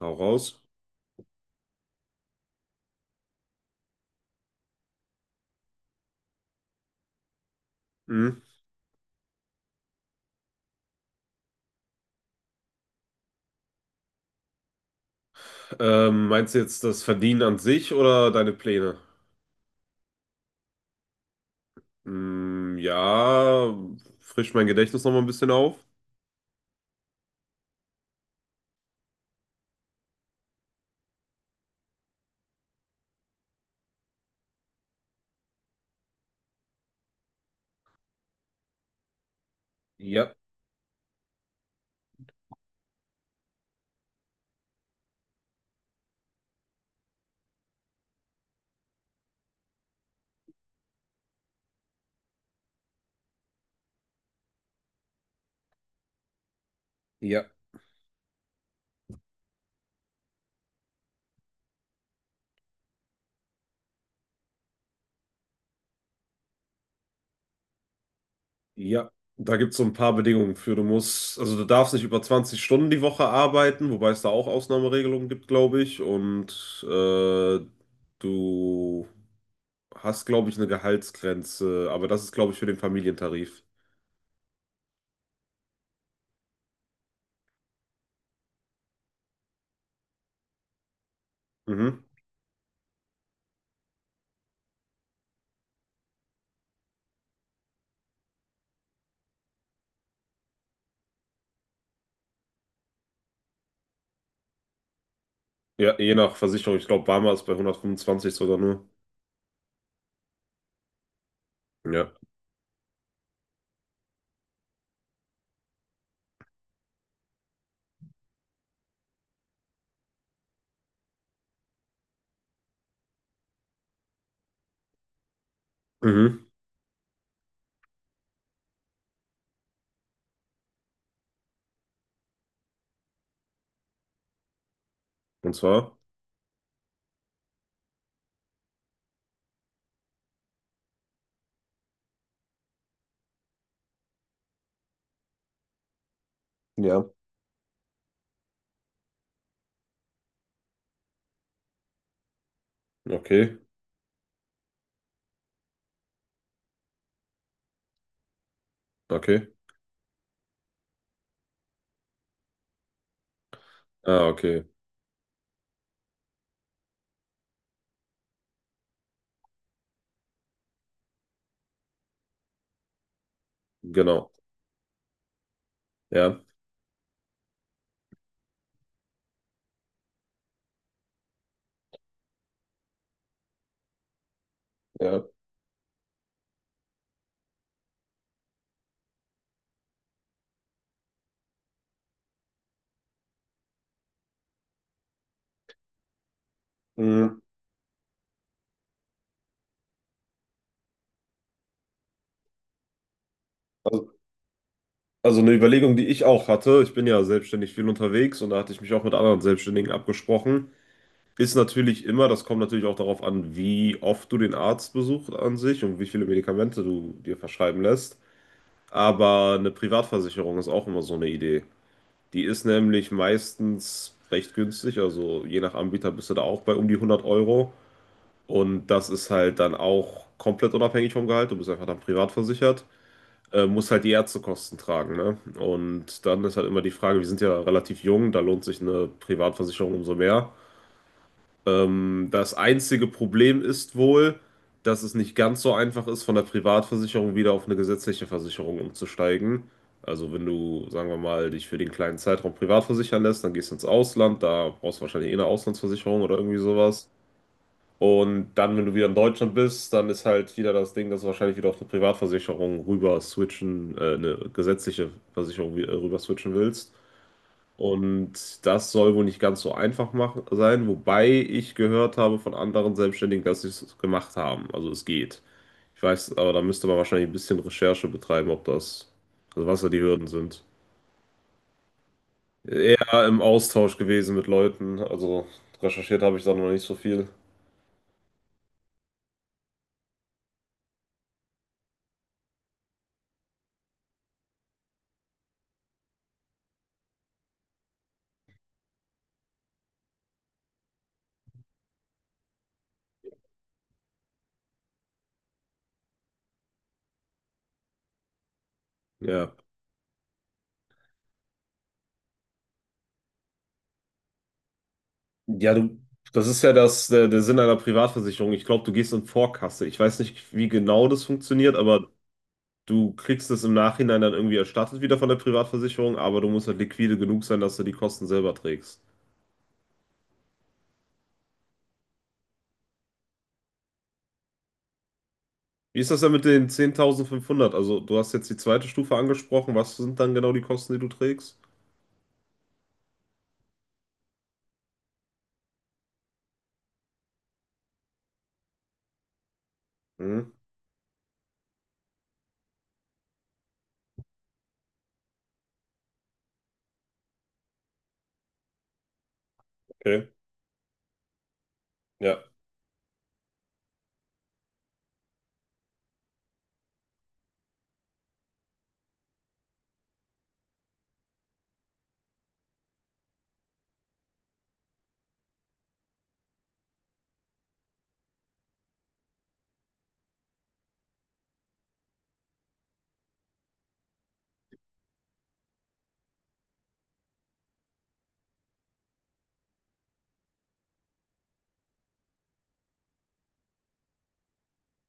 Hau raus. Hm. Meinst du jetzt das Verdienen an sich oder deine Pläne? Hm, ja, frisch mein Gedächtnis nochmal ein bisschen auf. Ja, ja, ja. Da gibt es so ein paar Bedingungen für. Also du darfst nicht über 20 Stunden die Woche arbeiten, wobei es da auch Ausnahmeregelungen gibt, glaube ich. Und du hast, glaube ich, eine Gehaltsgrenze, aber das ist, glaube ich, für den Familientarif. Mhm. Ja, je nach Versicherung. Ich glaube, Barmer ist bei 125 sogar nur. Ja. Mhm. Und zwar? Ja, okay, okay. Ah, okay, genau. Ja, ja, mhm. Also, also eine Überlegung, die ich auch hatte, ich bin ja selbstständig viel unterwegs und da hatte ich mich auch mit anderen Selbstständigen abgesprochen, ist natürlich immer, das kommt natürlich auch darauf an, wie oft du den Arzt besuchst an sich und wie viele Medikamente du dir verschreiben lässt. Aber eine Privatversicherung ist auch immer so eine Idee. Die ist nämlich meistens recht günstig, also je nach Anbieter bist du da auch bei um die 100 Euro. Und das ist halt dann auch komplett unabhängig vom Gehalt. Du bist einfach dann privat versichert, musst halt die Ärztekosten tragen, ne? Und dann ist halt immer die Frage, wir sind ja relativ jung, da lohnt sich eine Privatversicherung umso mehr. Das einzige Problem ist wohl, dass es nicht ganz so einfach ist, von der Privatversicherung wieder auf eine gesetzliche Versicherung umzusteigen. Also wenn du, sagen wir mal, dich für den kleinen Zeitraum privat versichern lässt, dann gehst du ins Ausland, da brauchst du wahrscheinlich eh eine Auslandsversicherung oder irgendwie sowas. Und dann, wenn du wieder in Deutschland bist, dann ist halt wieder das Ding, dass du wahrscheinlich wieder auf eine Privatversicherung rüber switchen, eine gesetzliche Versicherung rüber switchen willst. Und das soll wohl nicht ganz so einfach machen, sein, wobei ich gehört habe von anderen Selbstständigen, dass sie es gemacht haben. Also es geht. Ich weiß, aber da müsste man wahrscheinlich ein bisschen Recherche betreiben, ob das, also was da die Hürden sind. Eher im Austausch gewesen mit Leuten, also recherchiert habe ich da noch nicht so viel. Ja. Ja, du, das ist ja das, der Sinn einer Privatversicherung. Ich glaube, du gehst in Vorkasse. Ich weiß nicht, wie genau das funktioniert, aber du kriegst es im Nachhinein dann irgendwie erstattet wieder von der Privatversicherung, aber du musst halt liquide genug sein, dass du die Kosten selber trägst. Wie ist das denn mit den 10.500? Also, du hast jetzt die zweite Stufe angesprochen. Was sind dann genau die Kosten, die du trägst? Mhm, okay. Ja.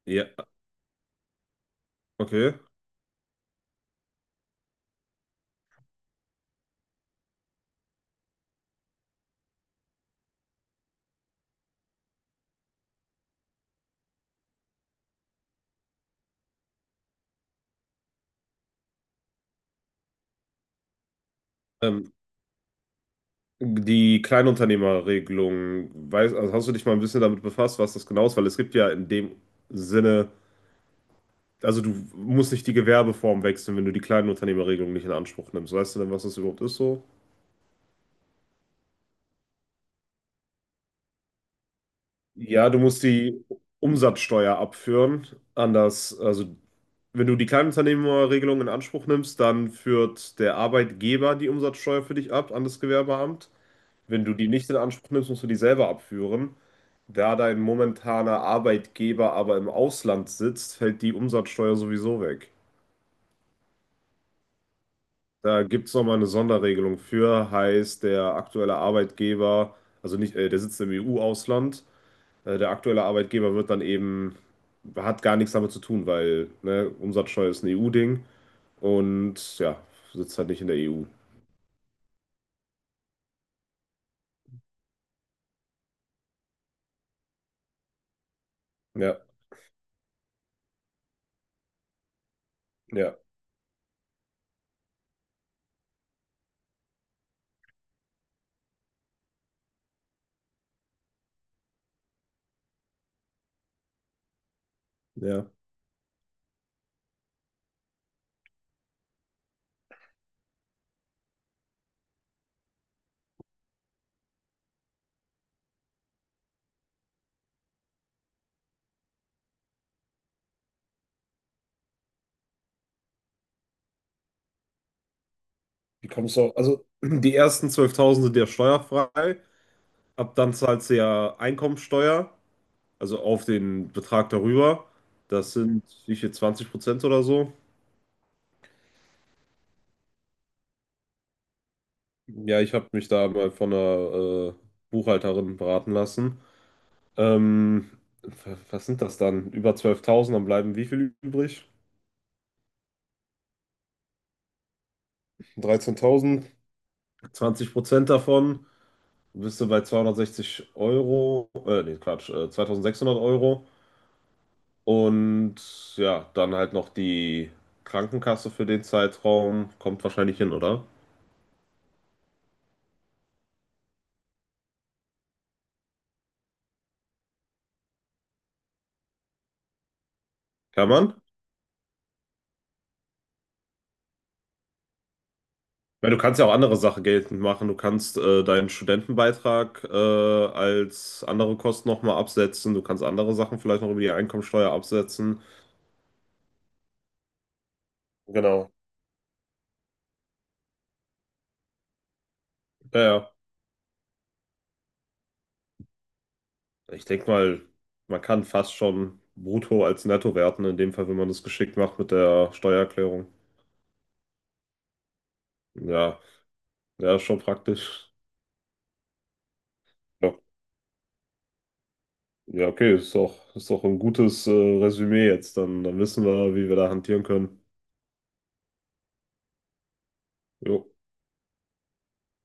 Ja, okay. Ähm, Die Kleinunternehmerregelung, weiß, also hast du dich mal ein bisschen damit befasst, was das genau ist? Weil es gibt ja in dem Sinne also du musst nicht die Gewerbeform wechseln, wenn du die Kleinunternehmerregelung nicht in Anspruch nimmst. Weißt du denn, was das überhaupt ist so? Ja, du musst die Umsatzsteuer abführen. Anders, also wenn du die Kleinunternehmerregelung in Anspruch nimmst, dann führt der Arbeitgeber die Umsatzsteuer für dich ab an das Gewerbeamt. Wenn du die nicht in Anspruch nimmst, musst du die selber abführen. Da dein momentaner Arbeitgeber aber im Ausland sitzt, fällt die Umsatzsteuer sowieso weg. Da gibt es nochmal eine Sonderregelung für, heißt der aktuelle Arbeitgeber, also nicht, der sitzt im EU-Ausland, der aktuelle Arbeitgeber wird dann eben, hat gar nichts damit zu tun, weil ne, Umsatzsteuer ist ein EU-Ding und ja, sitzt halt nicht in der EU. Ja, ja, ja. Wie kommst du auf? Also, die ersten 12.000 sind ja steuerfrei, ab dann zahlst du ja Einkommensteuer, also auf den Betrag darüber. Das sind wie viel, 20% oder so? Ja, ich habe mich da mal von einer Buchhalterin beraten lassen. Ähm, Was sind das dann? Über 12.000? Dann bleiben wie viel übrig? 13.000. 20% davon. Du bist du bei 260 Euro, nee, Quatsch, 2600 Euro. Und ja, dann halt noch die Krankenkasse für den Zeitraum. Kommt wahrscheinlich hin, oder? Kann man? Ja, du kannst ja auch andere Sachen geltend machen. Du kannst deinen Studentenbeitrag als andere Kosten nochmal absetzen. Du kannst andere Sachen vielleicht noch über die Einkommensteuer absetzen. Genau. Ja, ja. Ich denke mal, man kann fast schon brutto als netto werten, in dem Fall, wenn man das geschickt macht mit der Steuererklärung. Ja, ja, ist schon praktisch. Ja, ja, okay, ist doch ein gutes Resümee jetzt. Dann, dann wissen wir, wie wir da hantieren können. Jo.